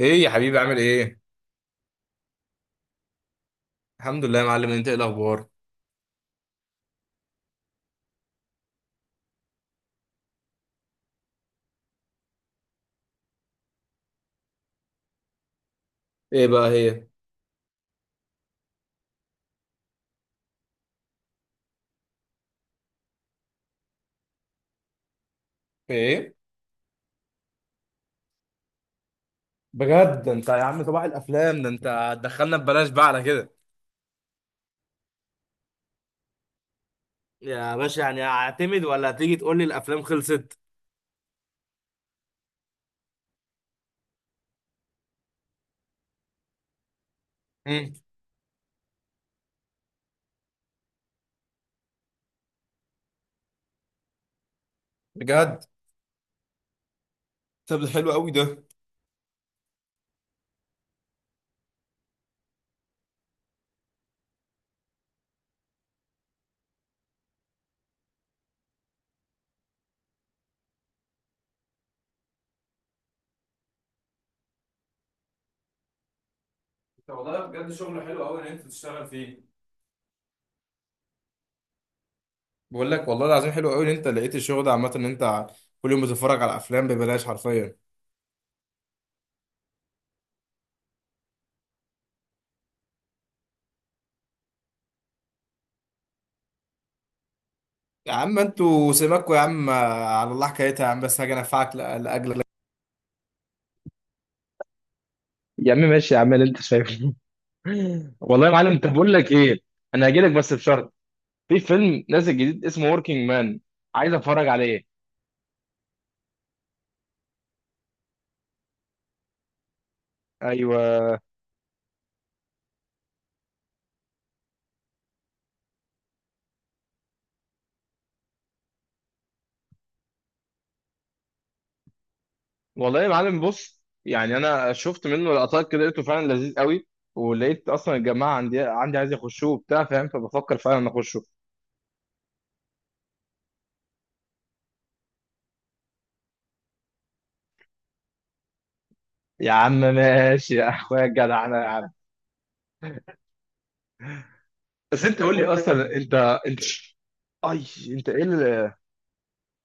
ايه يا حبيبي، عامل ايه؟ الحمد لله يا معلم، انت ايه الاخبار؟ ايه بقى هي؟ ايه؟ بجد؟ ده انت يا عم صباح الافلام، ده انت هتدخلنا ببلاش بقى على كده. يا باشا، يعني هعتمد ولا هتيجي تقول لي الافلام خلصت؟ امم بجد؟ طب ده حلو قوي، ده انت. والله بجد شغل حلو قوي ان انت تشتغل فيه. بقول لك والله العظيم حلو قوي ان انت لقيت الشغل ده. عامه، ان انت كل يوم بتتفرج على افلام ببلاش حرفيا. يا عم انتوا سيبكوا، يا عم على الله حكايتها، يا عم بس هاجي انفعك لاجل. يا عم ماشي، يا عم اللي انت شايفه. والله يا معلم، انت بقول لك ايه؟ انا هاجي لك بس بشرط. في فيلم نازل جديد اسمه وركينج مان، عايز اتفرج عليه. ايوه. والله يا معلم بص، يعني انا شفت منه لقطات كده، لقيته فعلا لذيذ قوي. ولقيت اصلا الجماعه عندي عايز يخشوه وبتاع، فاهم؟ فبفكر فعلا اخشه. يا عم ماشي يا اخويا الجدع، انا يا عم. بس انت قول لي، اصلا انت، انت، اي، انت ايه اللي،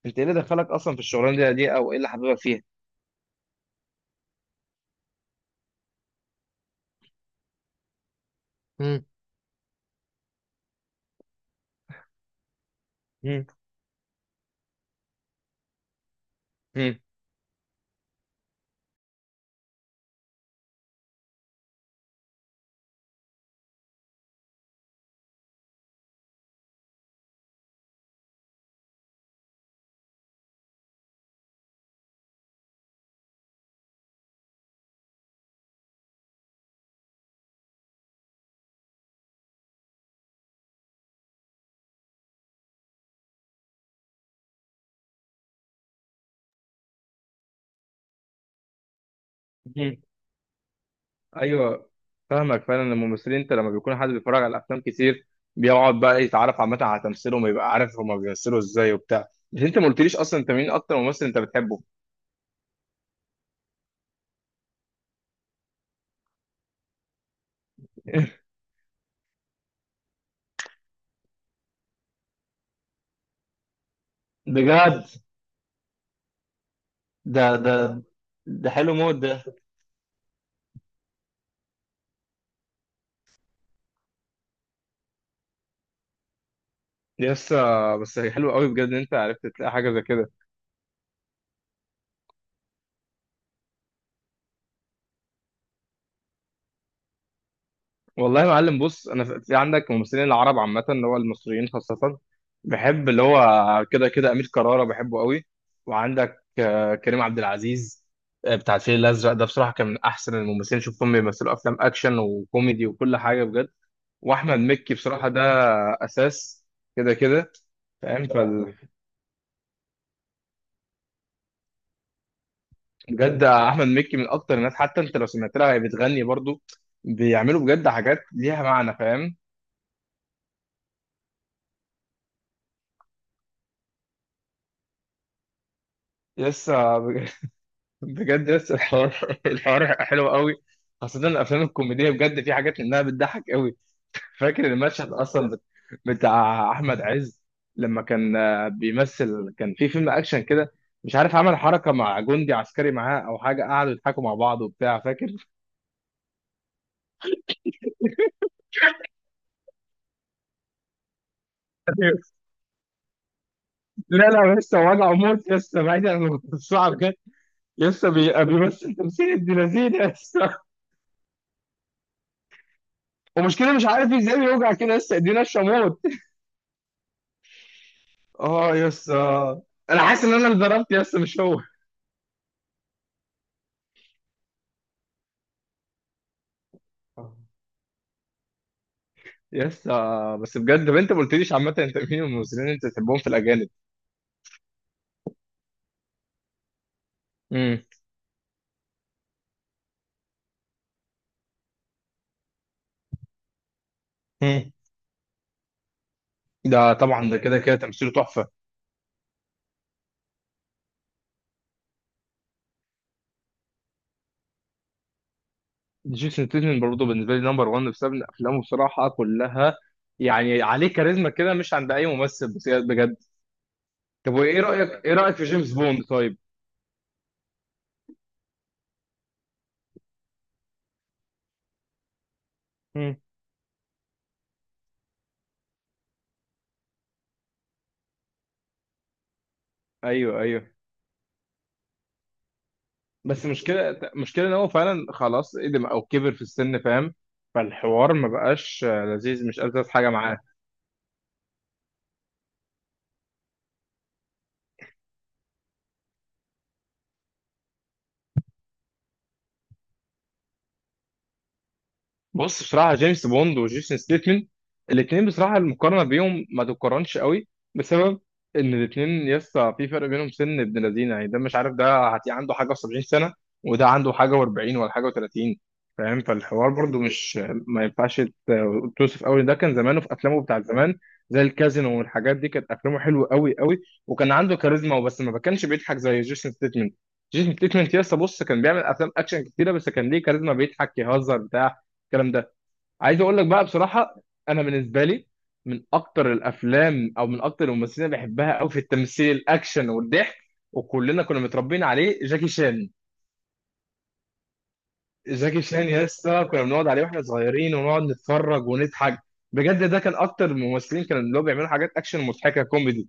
انت ايه اللي دخلك اصلا في الشغلانه دي, او ايه اللي حبيبك فيها؟ مم. مم. مم. ايوه، فاهمك. فعلا الممثلين، انت لما بيكون حد بيتفرج على افلام كتير، بيقعد بقى يتعرف عامه على تمثيلهم ويبقى عارف هما بيمثلوا ازاي وبتاع. مش انت ما قلتليش اصلا انت مين اكتر ممثل انت بتحبه؟ بجد؟ ده ده حلو موت ده. لسه. بس حلو قوي بجد ان انت عرفت تلاقي حاجه زي كده. والله يا معلم بص، انا في عندك ممثلين العرب عامه، اللي هو المصريين خاصه. بحب اللي هو كده كده امير كرارة، بحبه قوي. وعندك كريم عبد العزيز. بتاع الفيل الازرق، ده بصراحه كان من احسن الممثلين شفتهم بيمثلوا افلام اكشن وكوميدي وكل حاجه بجد. واحمد مكي، بصراحه ده اساس كده كده، فاهم؟ بجد احمد مكي من اكتر الناس، حتى انت لو سمعت لها، هي بتغني برضو. بيعملوا بجد حاجات ليها معنى، فاهم؟ لسه، بجد يس الحوار. الحوار حلو قوي، خاصة الأفلام الكوميدية بجد، في حاجات منها بتضحك قوي. فاكر المشهد أصلا بتاع أحمد عز؟ لما كان بيمثل، كان في فيلم أكشن كده، مش عارف عمل حركة مع جندي عسكري معاه أو حاجة، قعدوا يضحكوا مع بعض وبتاع، فاكر؟ لا لا، لسه وجعه موت، لسه بعيد عن الصعب بجد. لسه بيبقى بيمثل تمثيل ابن لذين لسه. ومشكلة، مش عارف ازاي بيوجع كده لسه ايدينا الشموت. اه يس. انا حاسس ان انا اللي ضربت يس، مش هو. يس. بس بجد طب انت ما قلتليش عامه، انت مين الممثلين اللي انت بتحبهم في الاجانب؟ امم امم ده طبعا، ده كده كده تمثيله تحفه. جيسون تيتن برضه بالنسبه لي نمبر 1، بسبب ان افلامه بصراحه كلها، يعني عليه كاريزما كده مش عند اي ممثل. بجد. طب وايه رايك، ايه رايك في جيمس بوند طيب؟ امم ايوه ايوه. بس مشكله، مشكله ان هو فعلا خلاص قدم او كبر في السن، فاهم؟ فالحوار ما بقاش لذيذ، مش ألذ حاجه معاه. بص بصراحة، جيمس بوند وجيسون ستيتمن، الاتنين بصراحة المقارنة بيهم ما تتقارنش قوي، بسبب إن الاتنين لسه في فرق بينهم. سن ابن لذينة يعني، ده مش عارف، ده هتلاقي عنده حاجة و70 سنة، وده عنده حاجة و40 ولا حاجة و30، فاهم؟ فالحوار برضو مش، ما ينفعش توصف قوي. ده كان زمانه في أفلامه بتاعت زمان، زي الكازينو والحاجات دي، كانت أفلامه حلوة قوي قوي، وكان عنده كاريزما. وبس ما كانش بيضحك زي جيسون ستيتمن. جيسون ستيتمن لسه بص، كان بيعمل أفلام أكشن كتيرة، بس كان ليه كاريزما، بيضحك يهزر بتاع الكلام ده. عايز اقول لك بقى بصراحه، انا بالنسبه لي، من اكتر الافلام او من اكتر الممثلين اللي بحبها قوي في التمثيل الاكشن والضحك، وكلنا كنا متربيين عليه، جاكي شان. جاكي شان يا اسطى، كنا بنقعد عليه واحنا صغيرين، ونقعد نتفرج ونضحك. بجد، ده كان اكتر الممثلين كانوا اللي هو بيعملوا حاجات اكشن مضحكه كوميدي.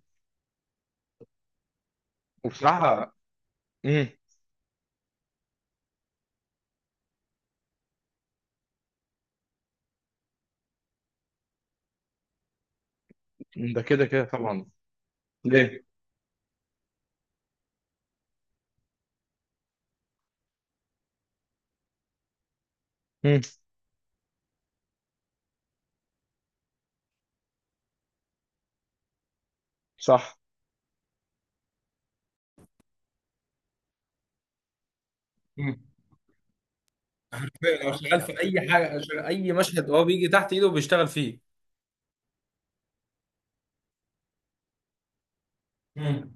وبصراحه. امم ده كده كده طبعا. ليه؟ امم صح. مم. لو شغال في اي حاجه، بيشتغل فيه. مم.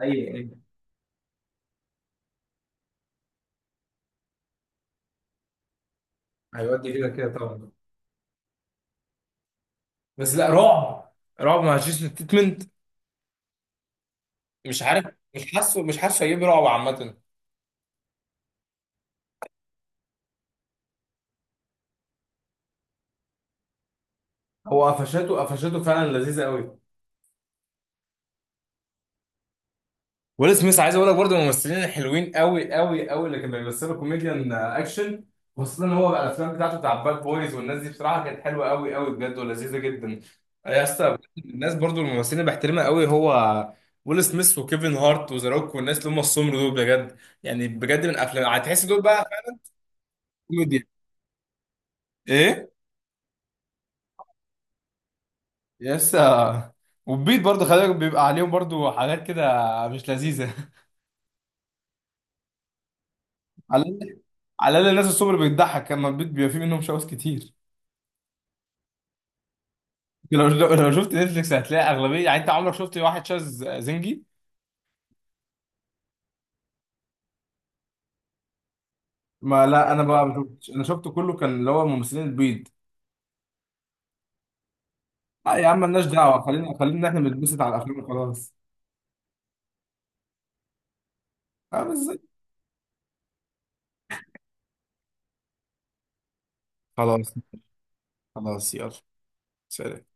ايوه ايوه. هيودي كده كده طبعا. بس لا، رعب؟ رعب مع جيسون ستيتمنت؟ مش عارف، مش حاسه، مش حاسه عامة. هو قفشاته، قفشاته فعلا لذيذة قوي. ويل سميث عايز اقول لك برضه من الممثلين الحلوين قوي قوي قوي، اللي كانوا بيمثلوا كوميديان اكشن، خاصة هو بقى الافلام بتاعته، بتاع باد بويز والناس دي، بصراحة كانت حلوة قوي قوي بجد ولذيذة جدا. يا اسطى بجد، الناس برضه الممثلين اللي بحترمها قوي، هو ويل سميث وكيفن هارت وذا روك، والناس اللي هم السمر دول بجد، يعني بجد من افلام هتحس دول بقى. كوميديا. ايه. يسا. والبيض برضه خلي بالك، بيبقى عليهم برضه حاجات كده مش لذيذة. على الأقل، على الأقل الناس الصبر بتضحك، لما البيض بيبقى فيه منهم شواذ كتير. لو شفت نتفليكس، هتلاقي أغلبية، يعني أنت عمرك شفت واحد شاذ زنجي؟ ما لا، أنا بقى ما شفتش، أنا شفته كله كان اللي هو ممثلين البيض. لا يا عم مالناش دعوة، خلينا خلينا، إحنا بنتبسط على الأفلام وخلاص. أه بالظبط. خلاص، خلاص، يلا، سلام.